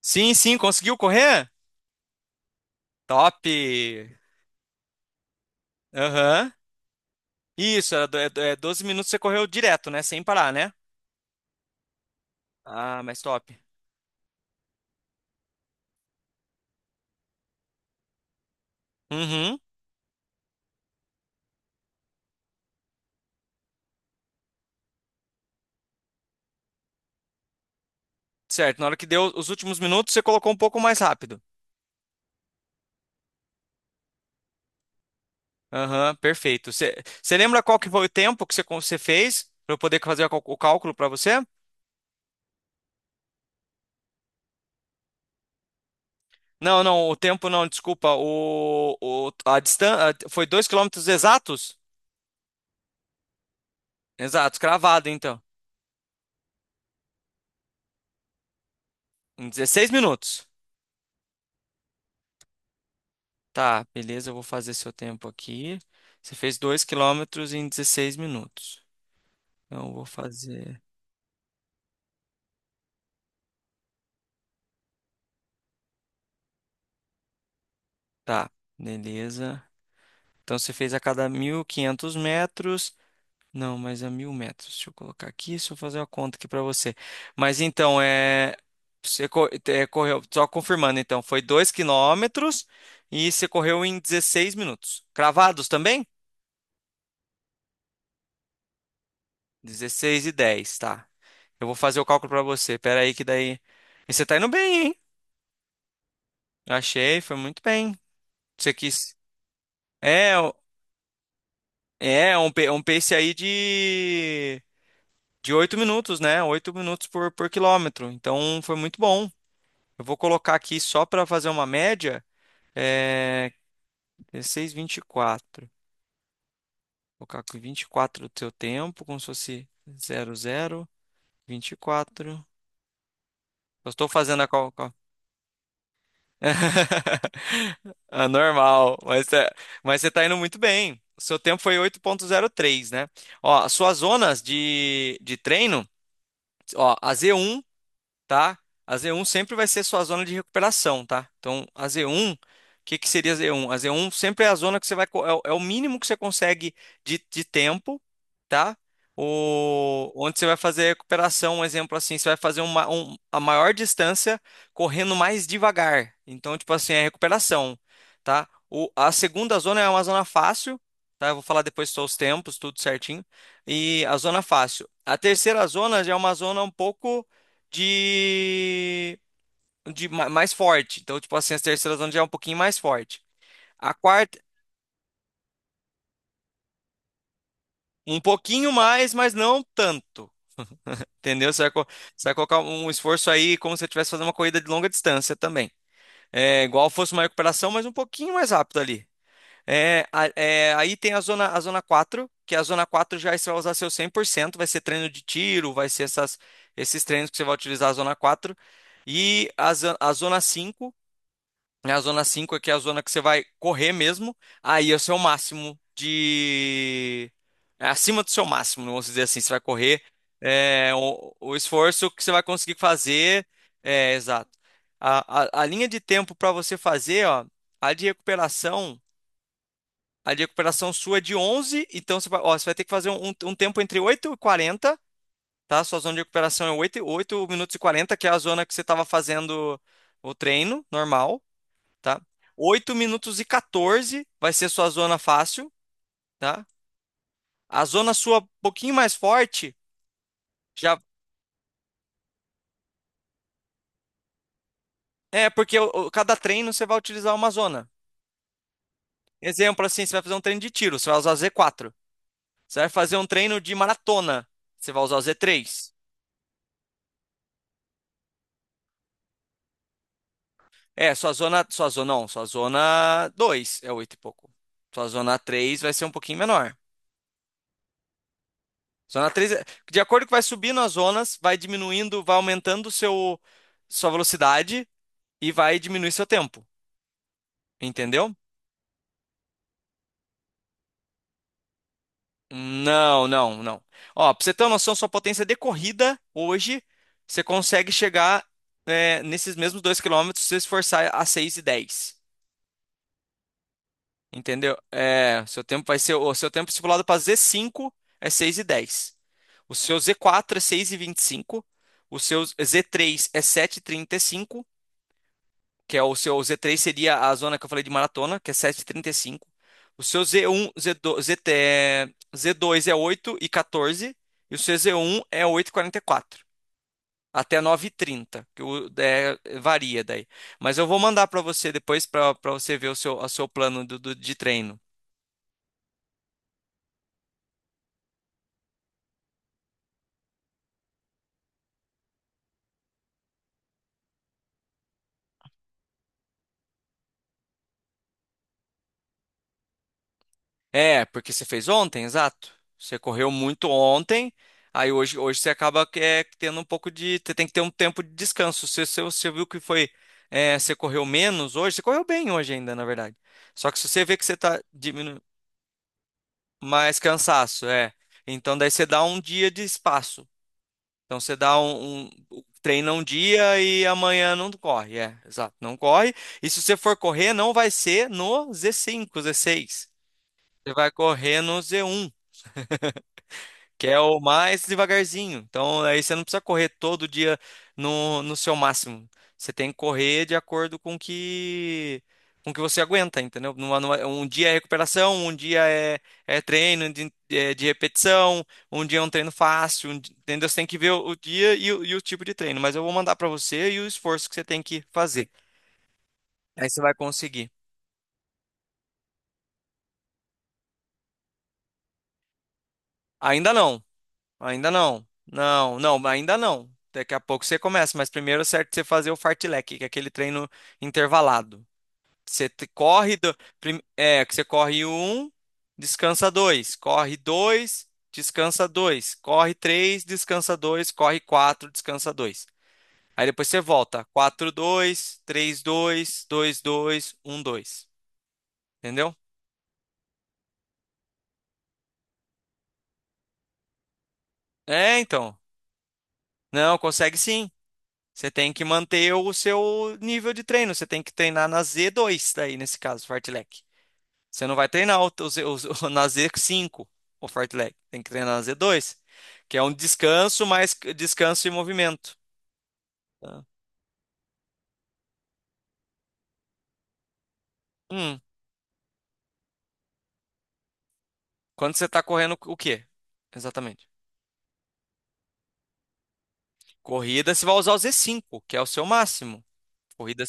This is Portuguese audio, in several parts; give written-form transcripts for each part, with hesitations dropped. Sim, sim, conseguiu correr? Top! Aham. Isso, era do- é 12 minutos você correu direto, né? Sem parar, né? Ah, mas top. Uhum. Certo, na hora que deu os últimos minutos, você colocou um pouco mais rápido. Aham, perfeito. Você lembra qual que foi o tempo que você fez para eu poder fazer o cálculo para você? Não, não, o tempo não, desculpa. A distância foi 2 quilômetros exatos? Exatos, cravado então. Em 16 minutos. Tá, beleza, eu vou fazer seu tempo aqui. Você fez 2 quilômetros em 16 minutos. Então, eu vou fazer. Tá, beleza. Então, você fez a cada 1.500 metros. Não, mas a 1.000 metros. Deixa eu colocar aqui, deixa eu fazer uma conta aqui pra você. Mas então, é. Você correu, só confirmando então, foi 2 quilômetros e você correu em 16 minutos. Cravados também? 16:10, tá. Eu vou fazer o cálculo pra você. Pera aí que daí. E você tá indo bem. Achei, foi muito bem. Você quis. É, é um pace aí de 8 minutos, né? 8 minutos por quilômetro. Então foi muito bom. Eu vou colocar aqui só para fazer uma média. É 16:24. Vou colocar aqui 24 do seu tempo, como se fosse zero zero, vinte e quatro. Eu estou fazendo a calculação. Ah, normal, mas você tá indo muito bem. O seu tempo foi 8:03, né? Ó, as suas zonas de treino. Ó, a z um tá? A z um sempre vai ser sua zona de recuperação, tá? Então, a z um o que que seria a z um A z um sempre é a zona que você vai, co- é o é o mínimo que você consegue de tempo, tá? Onde você vai fazer a recuperação, um exemplo assim, você vai fazer a maior distância correndo mais devagar. Então, tipo assim, é a recuperação, tá? A segunda zona é uma zona fácil, tá? Eu vou falar depois só os tempos, tudo certinho. E a zona fácil. A terceira zona já é uma zona um pouco de, mais forte. Então, tipo assim, a terceira zona já é um pouquinho mais forte. A quarta, um pouquinho mais, mas não tanto. Entendeu? Você vai colocar um esforço aí como se você estivesse fazendo uma corrida de longa distância também. É igual fosse uma recuperação, mas um pouquinho mais rápido ali. Aí tem a zona quatro, que a zona 4 já você vai usar seu 100%, vai ser treino de tiro, vai ser esses treinos que você vai utilizar a zona quatro. E a zona cinco. A zona 5 aqui é a zona que você vai correr mesmo. Aí é o seu máximo de. É acima do seu máximo, vamos dizer assim. Você vai correr. É o esforço que você vai conseguir fazer. É, exato. A linha de tempo para você fazer, ó, a de recuperação, a de recuperação sua é de 11. Então ó, você vai ter que fazer um tempo entre 8 e 40, tá? Sua zona de recuperação é 8, minutos e 40, que é a zona que você estava fazendo o treino normal, tá? Oito minutos e 14 vai ser sua zona fácil, tá? A zona sua um pouquinho mais forte já é porque cada treino você vai utilizar uma zona. Exemplo assim, você vai fazer um treino de tiro, você vai usar o z quatro Você vai fazer um treino de maratona, você vai usar o z três É, sua zona não, sua zona 2 é 8 e pouco. Sua zona 3 vai ser um pouquinho menor. Zona 3 é- de acordo que vai subindo as zonas, vai diminuindo, vai aumentando o seu sua velocidade e vai diminuir seu tempo. Entendeu? Não, não, não. Ó, pra você ter uma noção, sua potência de corrida hoje, você consegue chegar, nesses mesmos 2 quilômetros se você esforçar a 6:10. Entendeu? É, seu tempo vai ser, o seu tempo estipulado para z cinco é 6:10. O seu z quatro é seis e vinte e cinco. O seu z três é 7:35. Que é o seu Z3, seria a zona que eu falei de maratona, que é 7:35. O seu Z1, Z2, ZT, Z2 é 8 e 14 e o seu Z1 é 8:44 até 9:30, que varia daí. Mas eu vou mandar para você depois para você ver o seu plano de treino. É, porque você fez ontem, exato. Você correu muito ontem. Aí hoje você acaba que, tendo um pouco de. Você tem que ter um tempo de descanso. Se você viu que foi. Você correu menos hoje, você correu bem hoje ainda, na verdade. Só que se você vê que você está diminuindo mais cansaço. Então daí você dá um dia de espaço. Então você treina um dia e amanhã não corre. É, exato, não corre. E se você for correr, não vai ser no z cinco, z seis. Você vai correr no z um. Que é o mais devagarzinho. Então, aí você não precisa correr todo dia no seu máximo. Você tem que correr de acordo com que você aguenta, entendeu? Um dia é recuperação, um dia é treino de repetição, um dia é um treino fácil. Entendeu? Você tem que ver o dia e o tipo de treino. Mas eu vou mandar para você e o esforço que você tem que fazer. Aí você vai conseguir. Ainda não. Ainda não. Não, não, ainda não. Daqui a pouco você começa, mas primeiro é certo você fazer o fartlek, que é aquele treino intervalado. Você te- corre do, prim- é, Que você corre um, descansa dois, corre dois, descansa dois, corre três, descansa dois, corre quatro, descansa dois. Aí depois você volta, quatro, dois, três, dois, dois, dois, um, dois. Entendeu? É, então. Não, consegue sim. Você tem que manter o seu nível de treino. Você tem que treinar na Z2, daí, nesse caso, fartlek. Você não vai treinar na Z5, o fartlek. Tem que treinar na Z2, que é um descanso, mais descanso e movimento. Tá? Hum, Quando você está correndo, o quê? Exatamente. Corrida, você vai usar o Z5, que é o seu máximo. Corrida.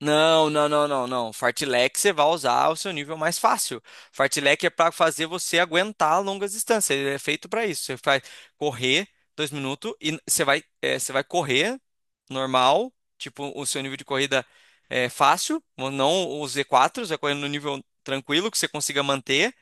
Não, não, não, não, não. Fartlek você vai usar o seu nível mais fácil. Fartlek é para fazer você aguentar longas distâncias. Ele é feito para isso. Você vai correr 2 minutos e você vai correr normal, tipo o seu nível de corrida é fácil, não o Z4, você vai correndo no nível tranquilo que você consiga manter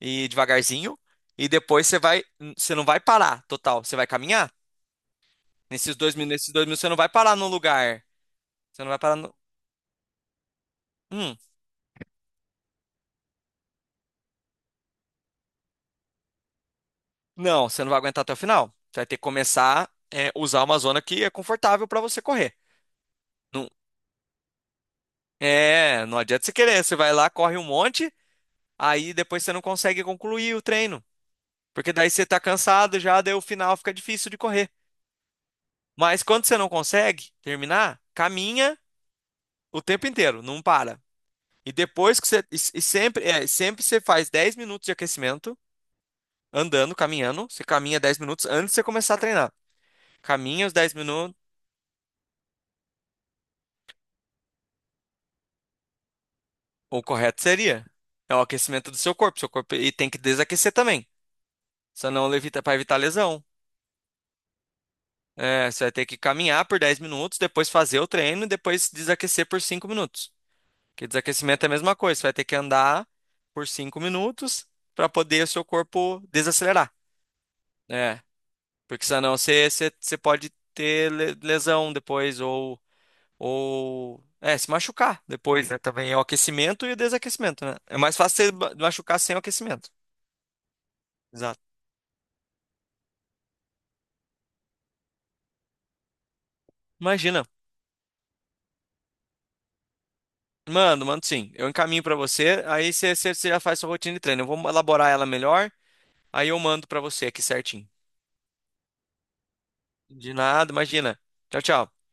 e devagarzinho. E depois você não vai parar total. Você vai caminhar. Nesses dois minutos você não vai parar no lugar. Você não vai parar no. Hum. Não, você não vai aguentar até o final. Você vai ter que começar a usar uma zona que é confortável para você correr. Não, não adianta você querer. Você vai lá, corre um monte, aí depois você não consegue concluir o treino. Porque daí você tá cansado já, daí o final fica difícil de correr. Mas quando você não consegue terminar, caminha o tempo inteiro, não para. E depois que você. E sempre você faz 10 minutos de aquecimento, andando, caminhando. Você caminha 10 minutos antes de você começar a treinar. Caminha os 10 minutos. O correto seria. É o aquecimento do seu corpo. Seu corpo e tem que desaquecer também. Senão levita para evitar lesão. É, você vai ter que caminhar por 10 minutos, depois fazer o treino e depois desaquecer por 5 minutos. Porque desaquecimento é a mesma coisa. Você vai ter que andar por 5 minutos para poder o seu corpo desacelerar. É, porque senão você pode ter lesão depois, ou se machucar depois, né? Também é o aquecimento e o desaquecimento, né? É mais fácil você machucar sem o aquecimento. Exato. Imagina. Mando, mando sim. Eu encaminho pra você, aí você já faz sua rotina de treino. Eu vou elaborar ela melhor, aí eu mando pra você aqui certinho. De nada, imagina. Tchau, tchau.